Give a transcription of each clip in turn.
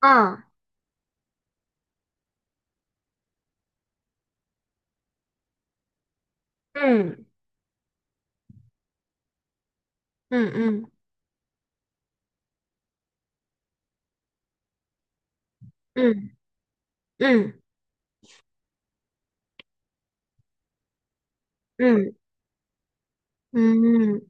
아, 응, 응, 응, 응, 응, 응, 음.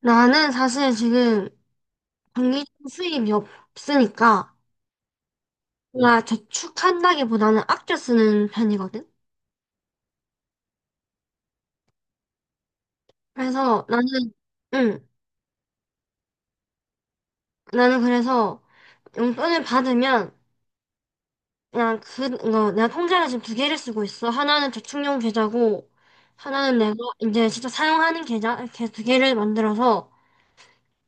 나는 사실 지금 정기적 수입이 없으니까 나 저축한다기보다는 아껴 쓰는 편이거든. 그래서 나는, 응, 나는 그래서 용돈을 받으면 그냥 그, 거 내가 통장을 지금 두 개를 쓰고 있어. 하나는 저축용 계좌고 하나는 내가 이제 진짜 사용하는 계좌 이렇게 두 개를 만들어서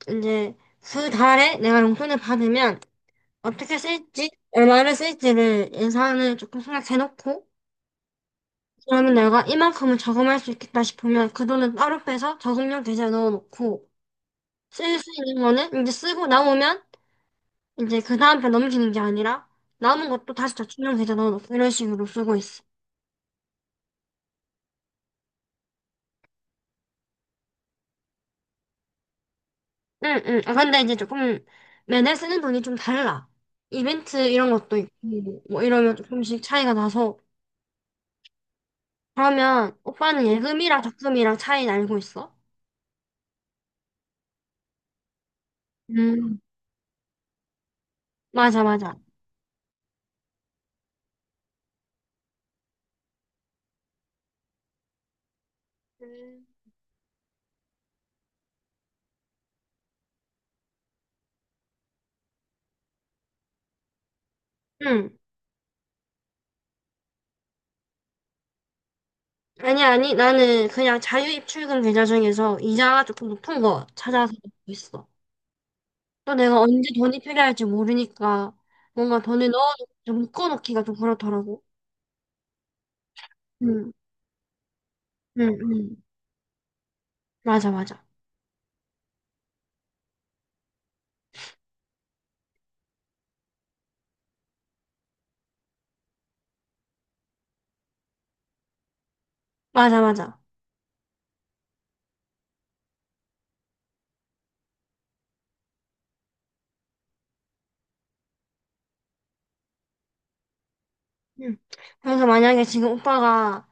이제 그 달에 내가 용돈을 받으면 어떻게 쓸지, 얼마를 쓸지를 예산을 조금 생각해놓고, 그러면 내가 이만큼은 저금할 수 있겠다 싶으면 그 돈은 따로 빼서 저금용 계좌에 넣어놓고, 쓸 수 있는 거는 이제 쓰고 남으면 이제 그 다음 편 넘기는 게 아니라, 남은 것도 다시 저축용 계좌 넣어놓고 이런 식으로 쓰고 있어. 응, 응. 아, 근데 이제 조금 매달 쓰는 돈이 좀 달라. 이벤트 이런 것도 있고, 뭐 이러면 조금씩 차이가 나서, 그러면 오빠는 예금이랑 적금이랑 차이 알고 있어? 음, 맞아, 맞아. 음, 응. 아니, 아니, 나는 그냥 자유입출금 계좌 중에서 이자가 조금 높은 거 찾아서 넣고 있어. 또 내가 언제 돈이 필요할지 모르니까 뭔가 돈을 넣어놓고 좀 묶어놓기가 좀 그렇더라고. 응, 응, 응. 맞아, 맞아. 맞아, 맞아. 응. 그래서 만약에 지금 오빠가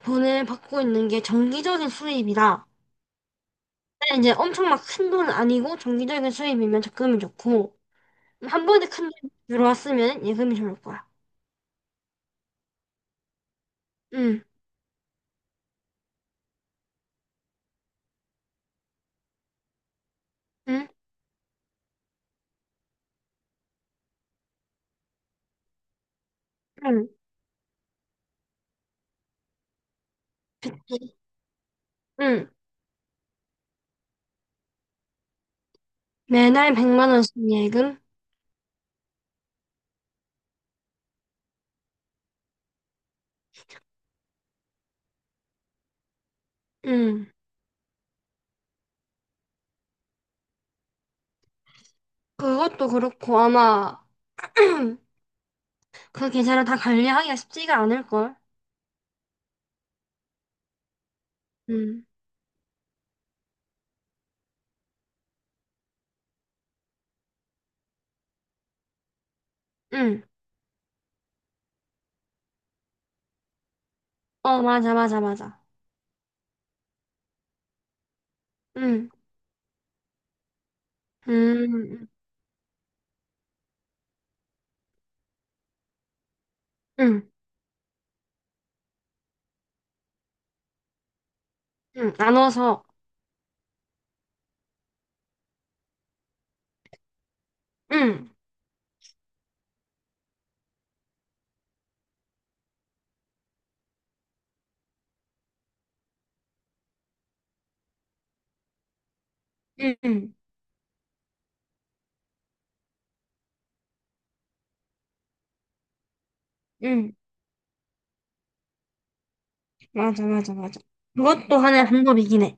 돈을 받고 있는 게 정기적인 수입이다. 근데 이제 엄청 막 큰 돈은 아니고 정기적인 수입이면 적금이 좋고 한 번에 큰 돈 들어왔으면 예금이 좋을 거야. 응, 응, 응. 응. 매달 100만 원씩 예금? 응. 그것도 그렇고 아마 그 계좌를 다 관리하기가 쉽지가 않을걸? 응. 응. 어, 맞아, 맞아, 맞아. 응. 음, 음, 음. 응. 응. 나눠서. 응. 응. 응. 응. 맞아, 맞아, 맞아. 그것도 하나의 방법이긴 해.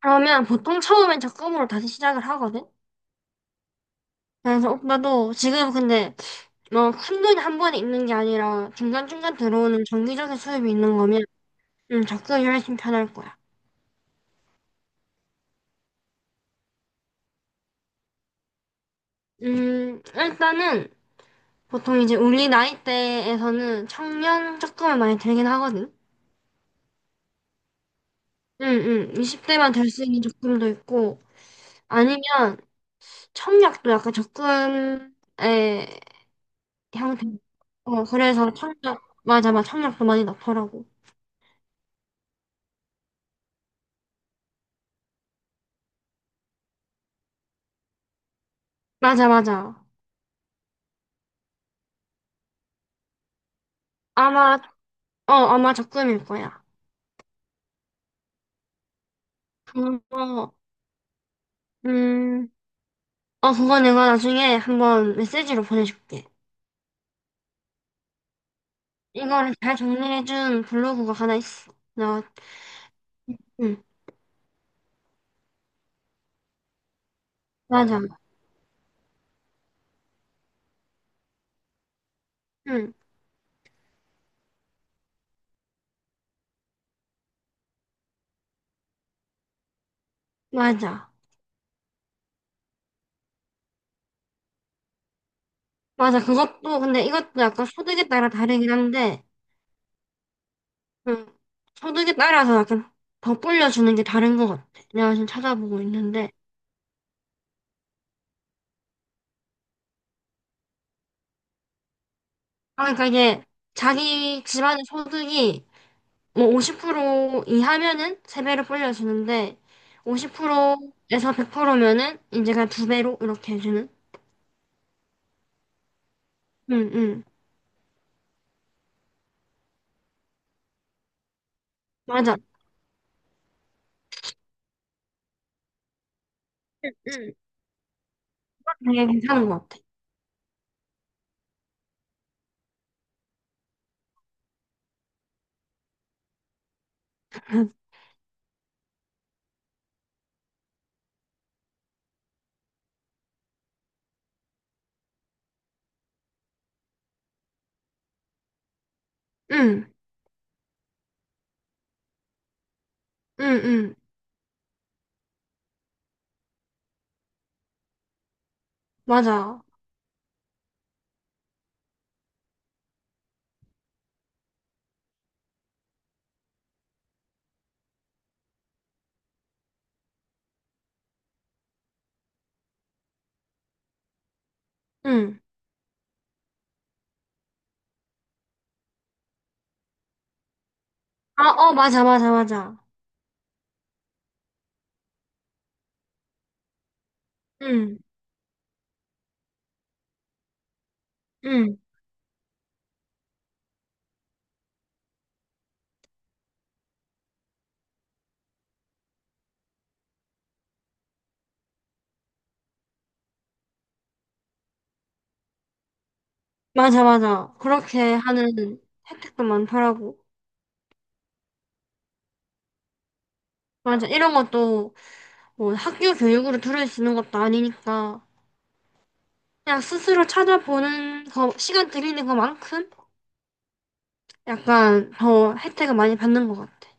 그러면 보통 처음엔 적금으로 다시 시작을 하거든? 그래서 오빠도 지금 근데 뭐 큰 돈이 한 번에 있는 게 아니라 중간중간 들어오는 정기적인 수입이 있는 거면 적성이 훨씬 편할 거야. 일단은 보통 이제 우리 나이대에서는 청년 적금을 많이 들긴 하거든. 응, 응. 20대만 될 수 있는 적금도 있고, 아니면 청약도 약간 적금의 형태. 어, 그래서 청약, 맞아, 맞아. 청약도 많이 넣더라고. 맞아, 맞아. 아마, 아마 적금일 거야. 그거, 음, 어, 그거 내가 나중에 한번 메시지로 보내줄게. 이거를 잘 정리해준 블로그가 하나 있어. 나, 응, 맞아. 응, 맞아. 맞아. 그것도, 근데 이것도 약간 소득에 따라 다르긴 한데, 응, 소득에 따라서 약간 더 불려주는 게 다른 것 같아. 내가 지금 찾아보고 있는데. 아, 그러니까 이게 자기 집안의 소득이 뭐 50% 이하면은 세배로 불려주는데, 50%에서 100%면은 이제 그냥 두배로 이렇게 해주는? 응, 응. 맞아. 응. 되게 괜찮은 것 같아. 응. 응, 응, 맞아. 응. 아, 어, 맞아, 맞아, 맞아. 응, 응, 맞아, 맞아. 그렇게 하는 혜택도 많더라고. 맞아. 이런 것도 뭐 학교 교육으로 들을 수 있는 것도 아니니까 그냥 스스로 찾아보는 거, 시간 들이는 것만큼 약간 더 혜택을 많이 받는 것 같아.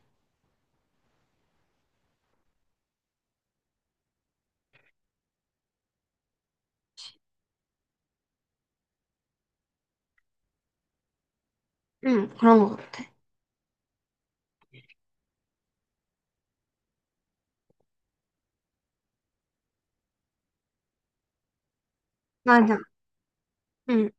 응, 그런 것 같아. 맞아. 응,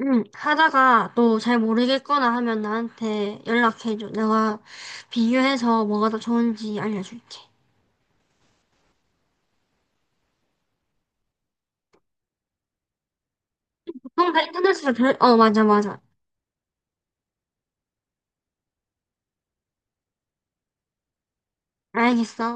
응. 하다가 또 잘 모르겠거나 하면 나한테 연락해줘. 내가 비교해서 뭐가 더 좋은지 알려줄게. 형, 다 인터넷으로 맞아, 맞아. 알겠어.